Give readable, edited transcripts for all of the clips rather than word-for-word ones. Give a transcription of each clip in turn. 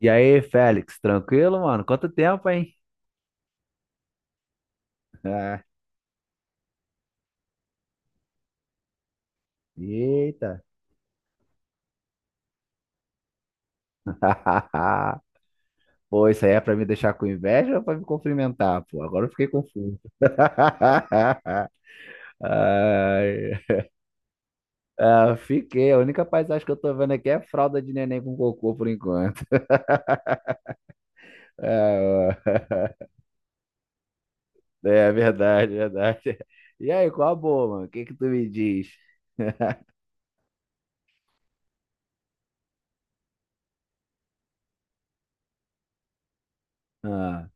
E aí, Félix, tranquilo, mano? Quanto tempo, hein? Ah, eita. Pô, isso aí é pra me deixar com inveja ou pra me cumprimentar, pô? Agora eu fiquei confuso. Ai, ah, fiquei. A única paisagem que eu tô vendo aqui é fralda de neném com cocô por enquanto. É, é verdade, é verdade. E aí, qual a boa, mano? O que que tu me diz? Ah,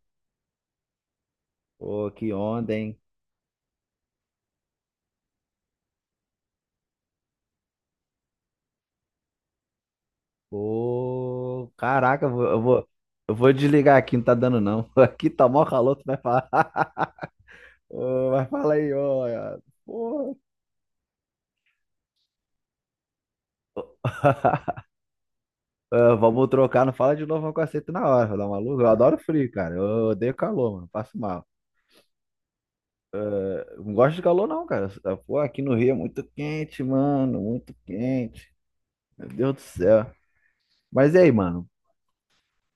pô, que onda, hein? Pô, caraca, eu vou desligar aqui, não tá dando não. Aqui tá mó calor, tu vai falar. Ô, vai falar aí, ó. Pô. Ah, vamos trocar, não fala de novo um cacete na hora, dá maluco. Eu adoro frio, cara. Eu odeio calor, mano. Passo mal. Eu não gosto de calor, não, cara. Pô, aqui no Rio é muito quente, mano. Muito quente. Meu Deus do céu. Mas e aí, mano?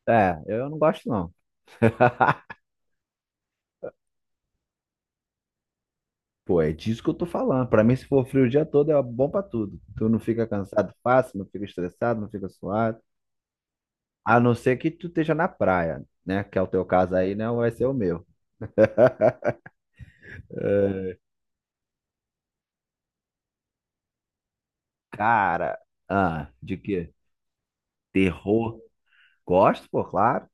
É, eu não gosto, não. Pô, é disso que eu tô falando. Pra mim, se for frio o dia todo, é bom pra tudo. Tu não fica cansado fácil, não fica estressado, não fica suado. A não ser que tu esteja na praia, né? Que é o teu caso aí, não vai ser o meu. Cara, ah, de quê? Terror. Gosto, pô, claro.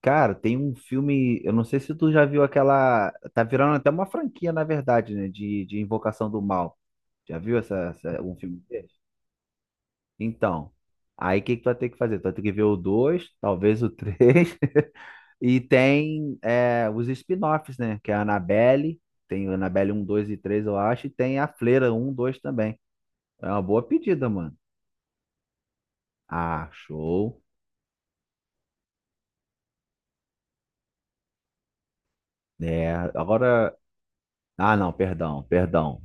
Cara, tem um filme, eu não sei se tu já viu aquela. Tá virando até uma franquia, na verdade, né? De Invocação do Mal. Já viu um filme desse? Então, aí o que que tu vai ter que fazer? Tu vai ter que ver o 2, talvez o 3. E tem os spin-offs, né? Que é a Annabelle, tem a Annabelle 1, 2 e 3 eu acho, e tem a Fleira um 2 também. É uma boa pedida, mano. Ah, show. É, agora. Ah, não, perdão, perdão.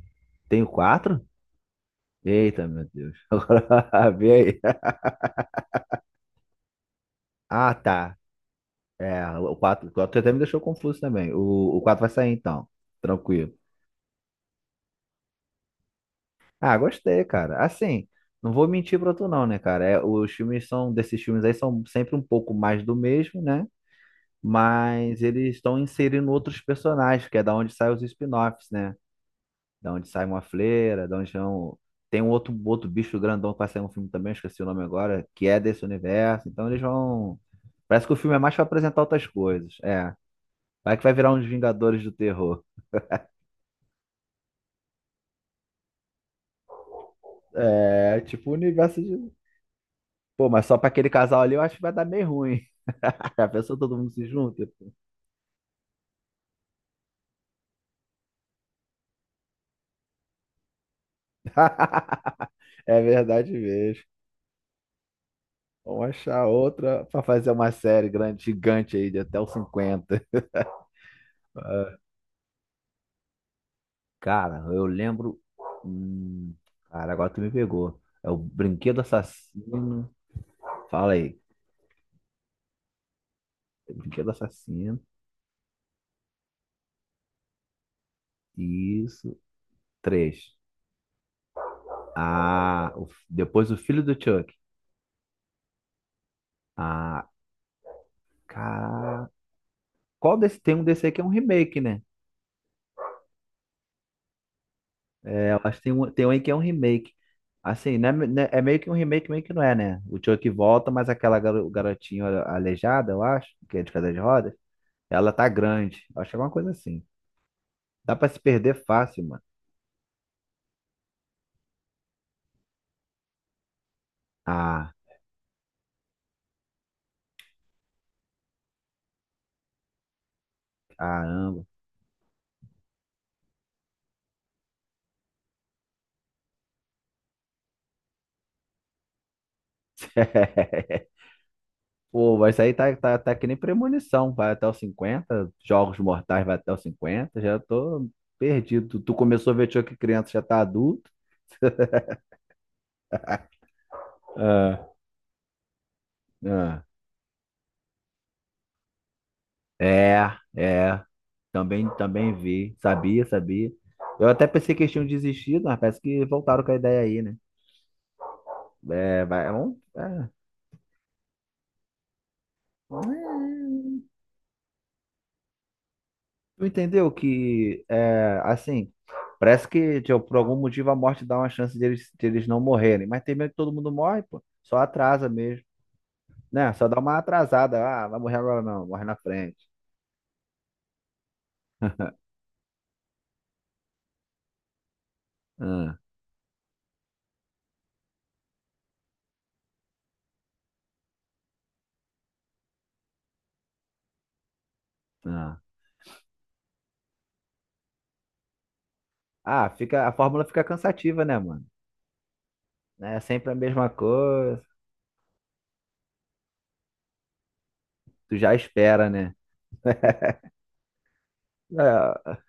Tem o 4? Eita, meu Deus. Agora vê aí. Ah, tá. É, o quatro até me deixou confuso também. O quatro vai sair então. Tranquilo. Ah, gostei, cara. Assim, não vou mentir pra tu, não, né, cara? É, desses filmes aí são sempre um pouco mais do mesmo, né? Mas eles estão inserindo outros personagens, que é da onde saem os spin-offs, né? Da onde sai uma fleira, da onde são... Tem um outro bicho grandão que vai sair um filme também, eu esqueci o nome agora, que é desse universo. Então eles vão. Parece que o filme é mais para apresentar outras coisas. É. Vai que vai virar uns Vingadores do Terror. É, tipo, o universo de. Pô, mas só pra aquele casal ali eu acho que vai dar meio ruim. A pessoa todo mundo se junta. É verdade mesmo. Vamos achar outra pra fazer uma série grande, gigante aí de até os 50. Cara, eu lembro. Hum, cara, agora tu me pegou. É o Brinquedo Assassino. Fala aí. Brinquedo Assassino. Isso. Três. Ah, depois o Filho do Chuck. Ah, cara. Qual desse? Tem um desse aí que é um remake, né? É, eu acho que tem um aí que é um remake. Assim, né, né, é meio que um remake, meio que não é, né? O Chuck volta, mas aquela garotinha aleijada, eu acho, que é de cadeira de rodas, ela tá grande. Eu acho que é alguma coisa assim. Dá pra se perder fácil. Ah, caramba. Pô, mas isso aí tá que nem premonição. Vai até os 50, Jogos Mortais vai até os 50. Já tô perdido. Tu começou a ver Chuck criança, já tá adulto. Ah, ah. É, é. Também, também vi. Sabia, sabia. Eu até pensei que eles tinham desistido, mas parece que voltaram com a ideia aí, né? É, vai. Vamos, tu entendeu que, é, assim, parece que tipo, por algum motivo a morte dá uma chance deles não morrerem, mas tem medo que todo mundo morre, pô. Só atrasa mesmo, né? Só dá uma atrasada. Ah, vai morrer agora não, morre na frente. Ah, ah. Ah, fica, a fórmula fica cansativa, né, mano? É sempre a mesma coisa. Tu já espera, né? É,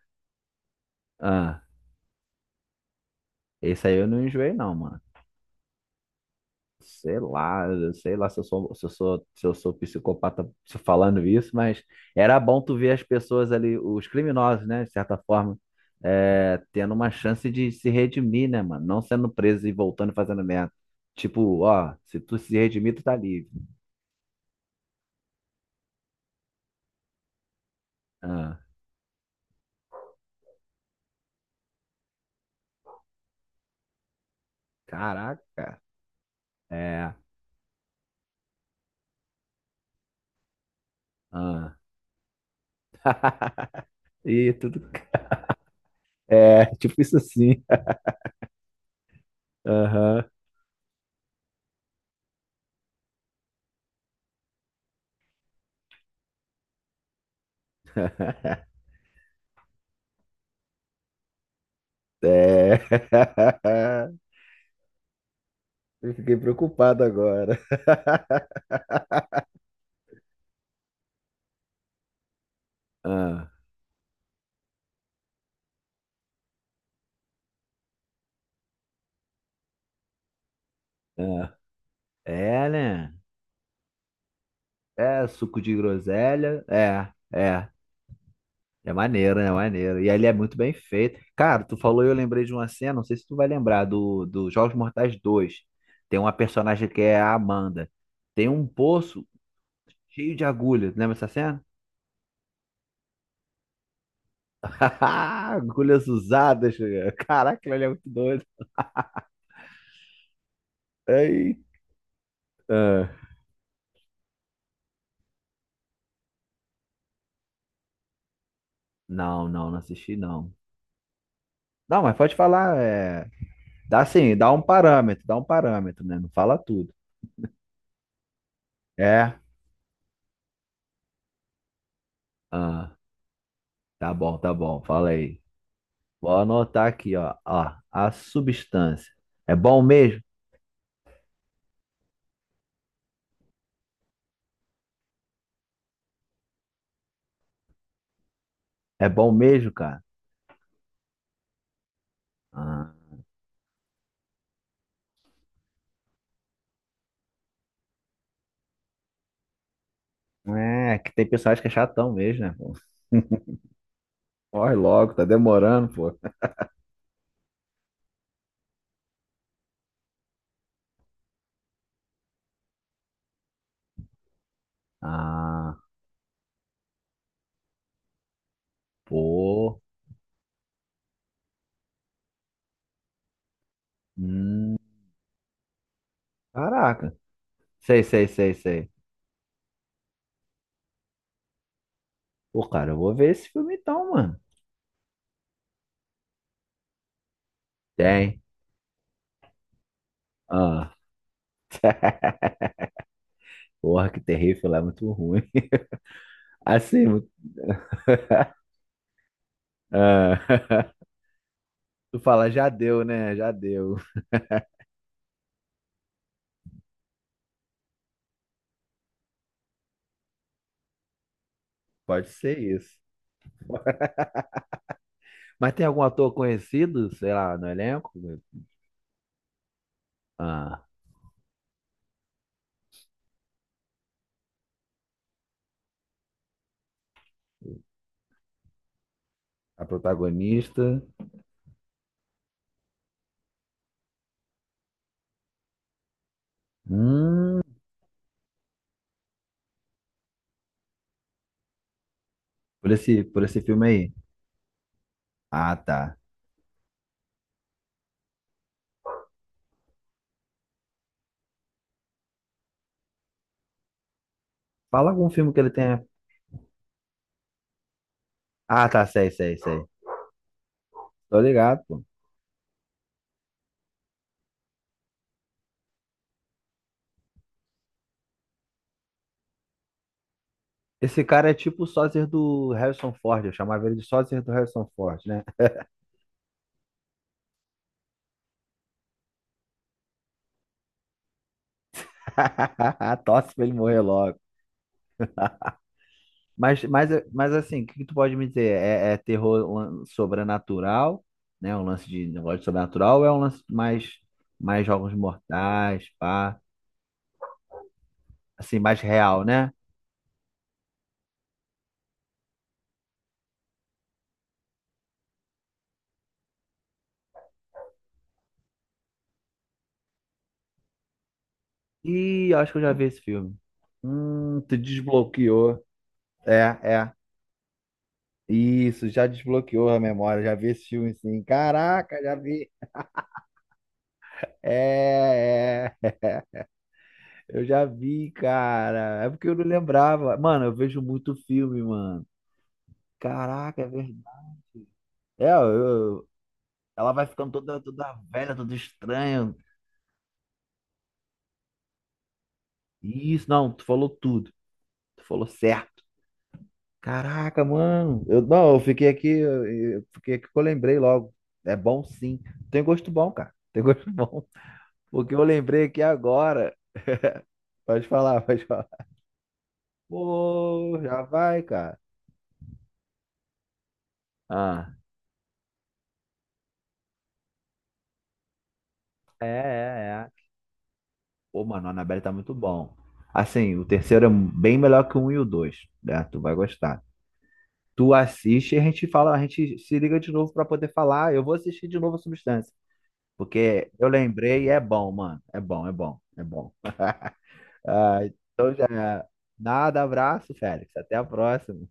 ah, esse aí eu não enjoei, não, mano. Sei lá, eu sei lá se eu sou, se eu sou, se eu sou psicopata se falando isso, mas era bom tu ver as pessoas ali, os criminosos, né, de certa forma, tendo uma chance de se redimir, né, mano? Não sendo preso e voltando e fazendo merda. Tipo, ó, se tu se redimir, tu tá livre. Ah, caraca, é. Ah. E tudo. É, tipo isso assim. Aham. É. Eu fiquei preocupado agora. Ah. É, é, né? É, suco de groselha. É, é. É maneiro, é maneiro. E ele é muito bem feito. Cara, tu falou e eu lembrei de uma cena, não sei se tu vai lembrar, do Jogos Mortais 2. Tem uma personagem que é a Amanda. Tem um poço cheio de agulhas. Lembra essa cena? Agulhas usadas. Caraca, ele é muito doido. Eita. Não, não, não assisti, não. Não, mas pode falar. É... Dá assim, dá um parâmetro, né? Não fala tudo. É. Ah, tá bom, tá bom. Fala aí. Vou anotar aqui, ó. Ó, a substância. É bom mesmo? É bom mesmo, cara? Ah, é, que tem pessoas que é chatão mesmo, né, pô? Corre logo, tá demorando, pô. Ah, pô. Hum, caraca. Sei, sei, sei, sei. Pô, cara, eu vou ver esse filme então, mano. Tem. Ah. Porra, que terrível, lá é muito ruim. Assim, muito... Ah, tu fala, já deu, né? Já deu. Pode ser isso. Mas tem algum ator conhecido, sei lá, no elenco? Ah, a protagonista. Hum, por esse filme aí. Ah, tá. Fala algum filme que ele tenha. Ah, tá, sei, sei, sei. Tô ligado, pô. Esse cara é tipo o sósia do Harrison Ford. Eu chamava ele de sósia do Harrison Ford, né? Tosse pra ele morrer logo. Mas assim, o que que tu pode me dizer? É terror sobrenatural, né? Um lance de negócio de sobrenatural ou é um lance mais, jogos mortais, pá? Assim, mais real, né? Ih, eu acho que eu já vi esse filme. Tu desbloqueou. É, é. Isso, já desbloqueou a memória. Já vi esse filme, sim. Caraca, já vi. É, é. Eu já vi, cara. É porque eu não lembrava. Mano, eu vejo muito filme, mano. Caraca, é verdade. É, ela vai ficando toda, toda velha, toda estranha. Isso, não, tu falou tudo. Tu falou certo. Caraca, mano. Eu, não, eu fiquei aqui, eu fiquei aqui que eu lembrei logo. É bom sim. Tem gosto bom, cara. Tem gosto bom. O que eu lembrei aqui agora. Pode falar, pode falar. Pô, já vai, cara. Ah, é, é, é. Pô, mano, o Annabelle tá muito bom. Assim, o terceiro é bem melhor que o um e o dois, né? Tu vai gostar. Tu assiste e a gente fala, a gente se liga de novo pra poder falar. "Ah, eu vou assistir de novo a Substância, porque eu lembrei e é bom, mano. É bom, é bom, é bom. Ah, então já. Nada, abraço, Félix. Até a próxima.